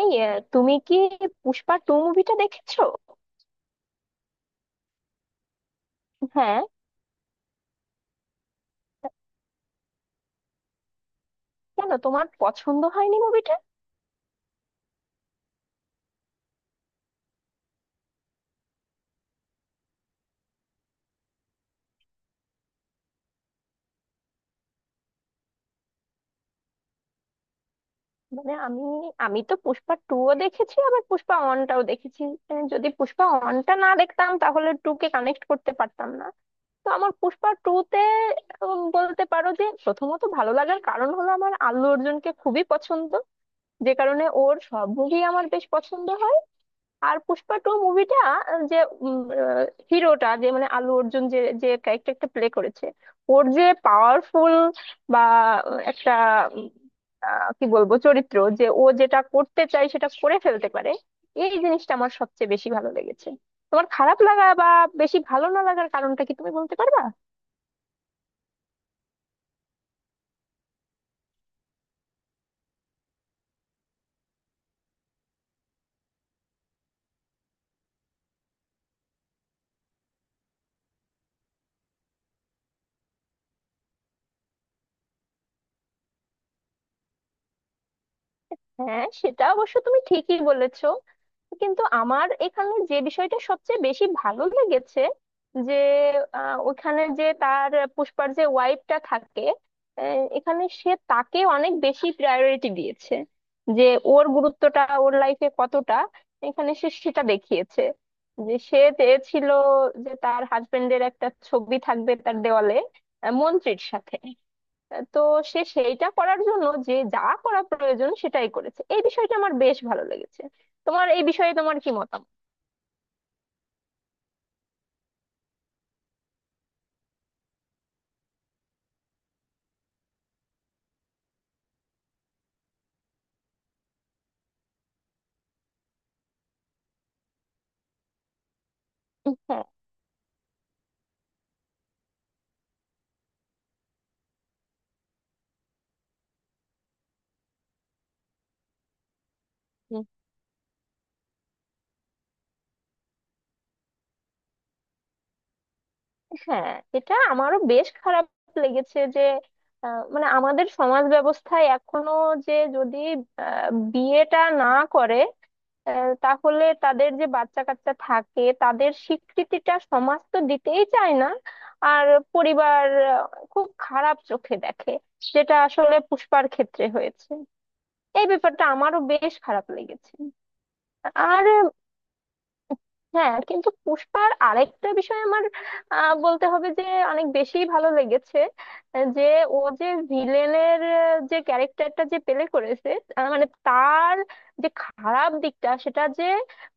এই তুমি কি পুষ্পা টু মুভিটা দেখেছো? হ্যাঁ। কেন তোমার পছন্দ হয়নি মুভিটা? মানে আমি আমি তো পুষ্পা টু ও দেখেছি, আবার পুষ্পা ওয়ানটাও দেখেছি। মানে যদি পুষ্পা ওয়ানটা না দেখতাম তাহলে টু কে কানেক্ট করতে পারতাম না। তো আমার পুষ্পা টু তে বলতে পারো যে প্রথমত ভালো লাগার কারণ হলো আমার আল্লু অর্জুনকে খুবই পছন্দ, যে কারণে ওর সব মুভি আমার বেশ পছন্দ হয়। আর পুষ্পা টু মুভিটা, যে হিরোটা, যে মানে আলু অর্জুন যে যে ক্যারেক্টারটা প্লে করেছে, ওর যে পাওয়ারফুল বা একটা উম, কি বলবো চরিত্র, যে ও যেটা করতে চায় সেটা করে ফেলতে পারে, এই জিনিসটা আমার সবচেয়ে বেশি ভালো লেগেছে। তোমার খারাপ লাগা বা বেশি ভালো না লাগার কারণটা কি তুমি বলতে পারবা? হ্যাঁ সেটা অবশ্য তুমি ঠিকই বলেছো। কিন্তু আমার এখানে যে বিষয়টা সবচেয়ে বেশি ভালো লেগেছে, যে ওখানে যে তার, পুষ্পার যে ওয়াইফটা থাকে, এখানে সে তাকে অনেক বেশি প্রায়োরিটি দিয়েছে। যে ওর গুরুত্বটা ওর লাইফে কতটা এখানে সে সেটা দেখিয়েছে। যে সে চেয়েছিল যে তার হাজবেন্ডের একটা ছবি থাকবে তার দেওয়ালে মন্ত্রীর সাথে। তো সে সেইটা করার জন্য যে যা করা প্রয়োজন সেটাই করেছে, এই বিষয়টা আমার বেশ ভালো লেগেছে। তোমার এই বিষয়ে তোমার কি মতামত? হ্যাঁ। হুম। হ্যাঁ, এটা আমারও বেশ খারাপ লেগেছে যে মানে আমাদের সমাজ ব্যবস্থায় এখনো, যে যদি আহ, বিয়েটা না করে তাহলে তাদের যে বাচ্চা কাচ্চা থাকে তাদের স্বীকৃতিটা সমাজ তো দিতেই চায় না। আর পরিবার খুব খারাপ চোখে দেখে, যেটা আসলে পুষ্পার ক্ষেত্রে হয়েছে, এই ব্যাপারটা আমারও বেশ খারাপ লেগেছে। আর হ্যাঁ, কিন্তু পুষ্পার আরেকটা বিষয় আমার বলতে হবে যে অনেক বেশি ভালো লেগেছে, যে ও যে ভিলেনের যে ক্যারেক্টারটা যে প্লে করেছে, মানে তার যে খারাপ দিকটা সেটা যে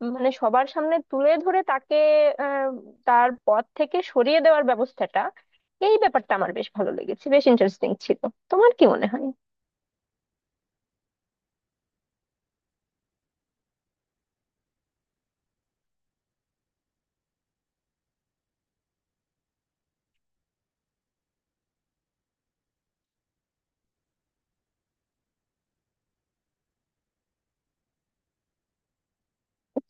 মানে সবার সামনে তুলে ধরে তাকে আহ, তার পথ থেকে সরিয়ে দেওয়ার ব্যবস্থাটা, এই ব্যাপারটা আমার বেশ ভালো লেগেছে, বেশ ইন্টারেস্টিং ছিল। তোমার কি মনে হয়?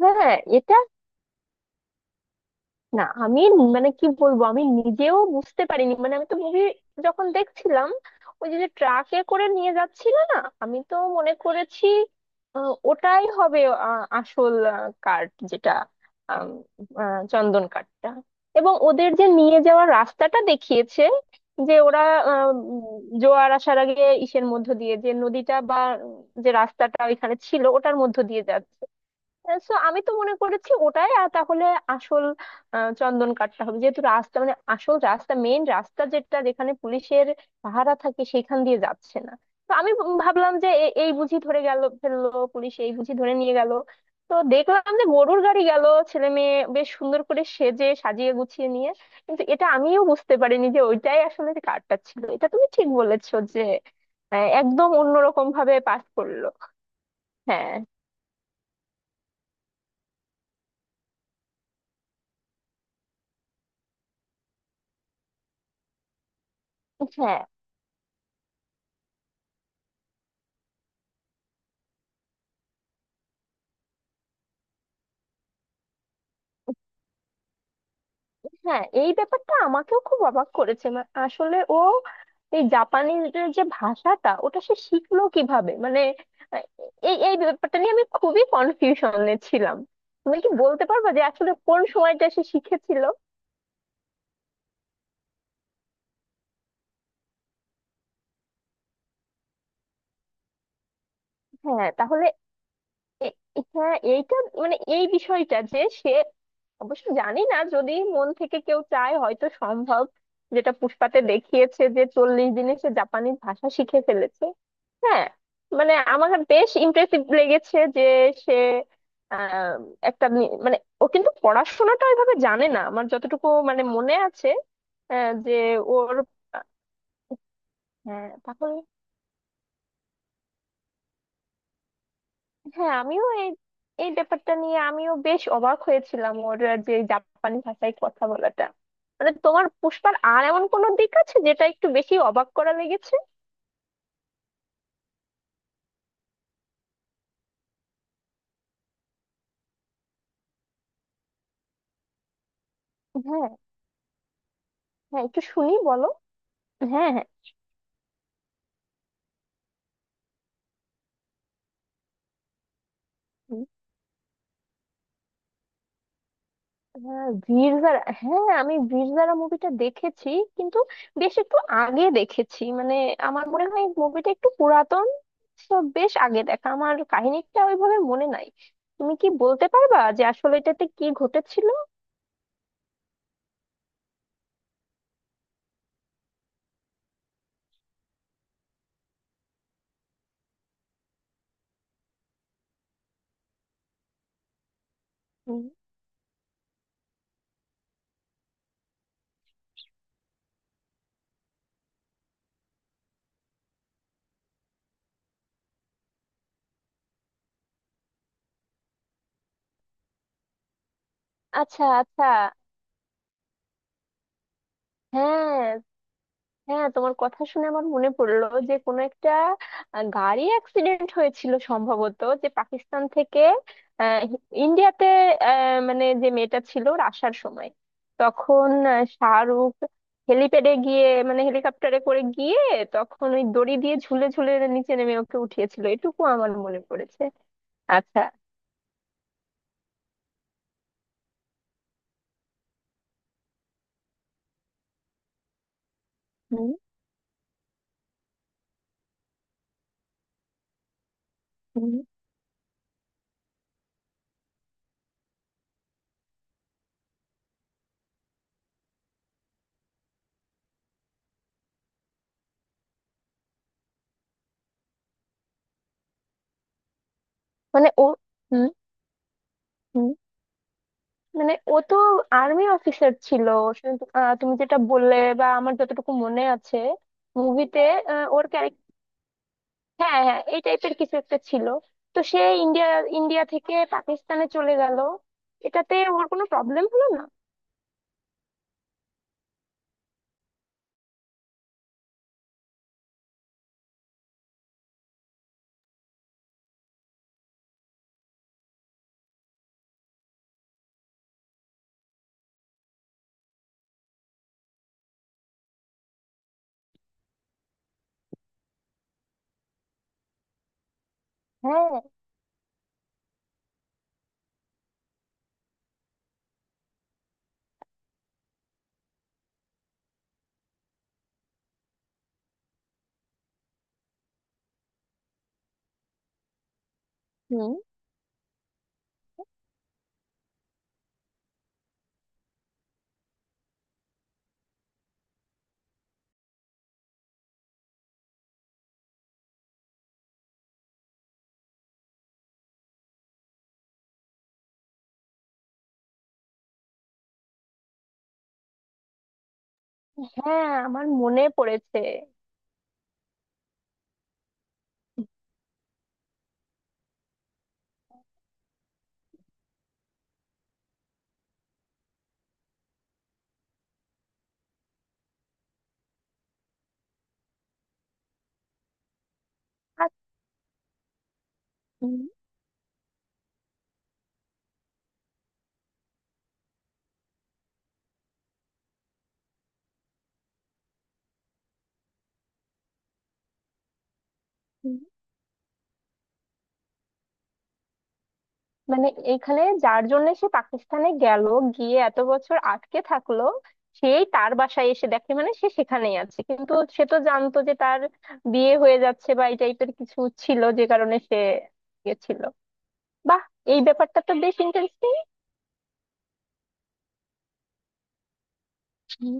হ্যাঁ এটা, না আমি মানে কি বলবো, আমি নিজেও বুঝতে পারিনি। মানে আমি তো মুভি যখন দেখছিলাম, ওই যে ট্রাকে করে নিয়ে যাচ্ছিল না, আমি তো মনে করেছি ওটাই হবে আসল কার্ড, যেটা আম, চন্দন কাঠটা, এবং ওদের যে নিয়ে যাওয়ার রাস্তাটা দেখিয়েছে যে ওরা আহ, উম, জোয়ার আসার আগে ইসের মধ্য দিয়ে যে নদীটা বা যে রাস্তাটা ওইখানে ছিল ওটার মধ্য দিয়ে যাচ্ছে। সো আমি তো মনে করেছি ওটাই, আর তাহলে আসল চন্দন কাঠটা হবে, যেহেতু রাস্তা মানে আসল রাস্তা, মেইন রাস্তা যেটা, যেখানে পুলিশের পাহারা থাকে সেখান দিয়ে যাচ্ছে না। তো আমি ভাবলাম যে এই বুঝি ধরে গেল, ফেললো পুলিশ, এই বুঝি ধরে নিয়ে গেল। তো দেখলাম যে গরুর গাড়ি গেল, ছেলে মেয়ে বেশ সুন্দর করে সেজে সাজিয়ে গুছিয়ে নিয়ে। কিন্তু এটা আমিও বুঝতে পারিনি যে ওইটাই আসলে যে কাঠটা ছিল। এটা তুমি ঠিক বলেছো যে একদম অন্যরকম ভাবে পাঠ করলো। হ্যাঁ। হ্যাঁ। হ্যাঁ, এই ব্যাপারটা আমাকেও খুব অবাক করেছে। আসলে ও এই জাপানিজদের যে ভাষাটা ওটা সে শিখলো কিভাবে মানে আহ, এই এই ব্যাপারটা নিয়ে আমি খুবই কনফিউশনে ছিলাম। তুমি কি বলতে পারবে যে আসলে কোন সময়টা সে শিখেছিল? হ্যাঁ তাহলে এ- হ্যাঁ এইটা মানে এই বিষয়টা যে সে, অবশ্য জানি না, যদি মন থেকে কেউ চায় হয়তো সম্ভব। যেটা পুষ্পাতে দেখিয়েছে যে 40 দিনে সে জাপানিজ ভাষা শিখে ফেলেছে। হ্যাঁ। মানে আমার বেশ ইমপ্রেসিভ লেগেছে যে সে আহ, একটা মানে, ও কিন্তু পড়াশোনাটা ওইভাবে জানে না আমার যতটুকু মানে মনে আছে, যে ওর আহ, হ্যাঁ। হ্যাঁ আমিও এই এই ব্যাপারটা নিয়ে আমিও বেশ অবাক হয়েছিলাম, ওর যে জাপানি ভাষায় কথা বলাটা। মানে তোমার পুষ্পার আর এমন কোনো দিক আছে যেটা একটু বেশি অবাক করা লেগেছে? হ্যাঁ। হ্যাঁ, একটু শুনি বলো। হ্যাঁ, হ্যাঁ। উম, হ্যাঁ বীর জারা, হ্যাঁ আমি বীর জারা মুভিটা দেখেছি কিন্তু বেশ একটু আগে দেখেছি মানে, আমার মনে হয় মুভিটা একটু পুরাতন, তো বেশ আগে দেখা আমার, কাহিনীটা ওইভাবে মনে নাই। তুমি কি বলতে পারবা যে আসলে এটাতে কি ঘটেছিল? আচ্ছা, আচ্ছা। হ্যাঁ। হ্যাঁ তোমার কথা শুনে আমার মনে পড়লো যে কোনো একটা গাড়ি অ্যাক্সিডেন্ট হয়েছিল সম্ভবত, যে পাকিস্তান থেকে আহ, ইন্ডিয়াতে, মানে যে মেয়েটা ছিল ওর আসার সময়। তখন শাহরুখ হেলিপ্যাডে গিয়ে মানে হেলিকপ্টারে করে গিয়ে, তখন ওই দড়ি দিয়ে ঝুলে ঝুলে নিচে নেমে ওকে উঠিয়েছিল, এটুকু আমার মনে পড়েছে। আচ্ছা। হুম। হুম, মানে ও। হুম। হুম, মানে ও তো আর্মি অফিসার ছিল, তুমি যেটা বললে বা আমার যতটুকু মনে আছে মুভিতে ওর ক্যারেক্টার। হ্যাঁ, হ্যাঁ এই টাইপের কিছু একটা ছিল। তো সে ইন্ডিয়া, ইন্ডিয়া থেকে পাকিস্তানে চলে গেল, এটাতে ওর কোনো প্রবলেম হলো না। হ্যাঁ। হুম। হ্যাঁ আমার মনে পড়েছে। আর হুম, মানে এইখানে যার জন্য সে পাকিস্তানে গেল, গিয়ে এত বছর আটকে থাকলো, সেই তার বাসায় এসে দেখে মানে সে সেখানেই আছে, কিন্তু সে তো জানতো যে তার বিয়ে হয়ে যাচ্ছে বা এই টাইপের কিছু ছিল যে কারণে সে গেছিল। বাহ, এই ব্যাপারটা তো বেশ ইন্টারেস্টিং। হুম,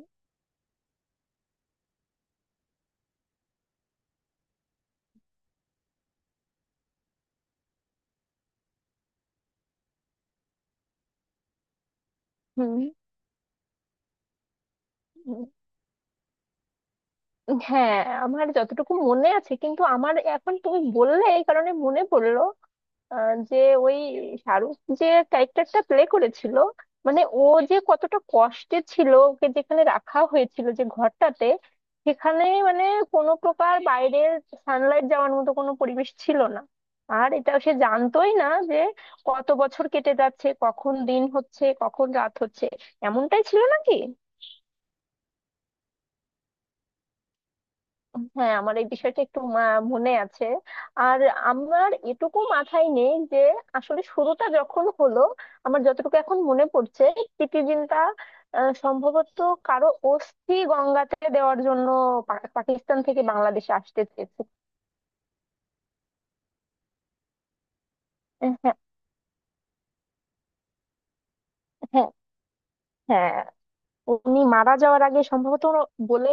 হুম। হ্যাঁ আমার যতটুকু মনে আছে, কিন্তু আমার এখন তুমি বললে এই কারণে মনে পড়লো যে ওই শাহরুখ যে ক্যারেক্টারটা প্লে করেছিল, মানে ও যে কতটা কষ্টে ছিল, ওকে যেখানে রাখা হয়েছিল যে ঘরটাতে সেখানে মানে কোনো প্রকার বাইরের সানলাইট যাওয়ার মতো কোনো পরিবেশ ছিল না, আর এটা সে জানতোই না যে কত বছর কেটে যাচ্ছে, কখন দিন হচ্ছে কখন রাত হচ্ছে। এমনটাই ছিল নাকি? হ্যাঁ আমার এই বিষয়টা একটু মনে আছে। আর আমার এটুকু মাথায় নেই যে আসলে শুরুটা যখন হলো, আমার যতটুকু এখন মনে পড়ছে, প্রিতিজিন্তা সম্ভবত কারো অস্থি গঙ্গাতে দেওয়ার জন্য পাকিস্তান থেকে বাংলাদেশে আসতে চেয়েছে। হ্যাঁ, হ্যাঁ, হ্যাঁ, হ্যাঁ। উনি মারা যাওয়ার আগে সম্ভবত উনি বলে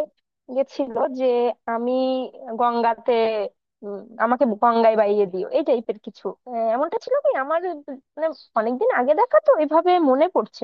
গেছিল যে আমি গঙ্গাতে উম, আমাকে গঙ্গায় বাইয়ে দিও এই টাইপের কিছু, এমনটা ছিল কি আমার, মানে অনেকদিন আগে দেখা তো এভাবে মনে পড়ছে।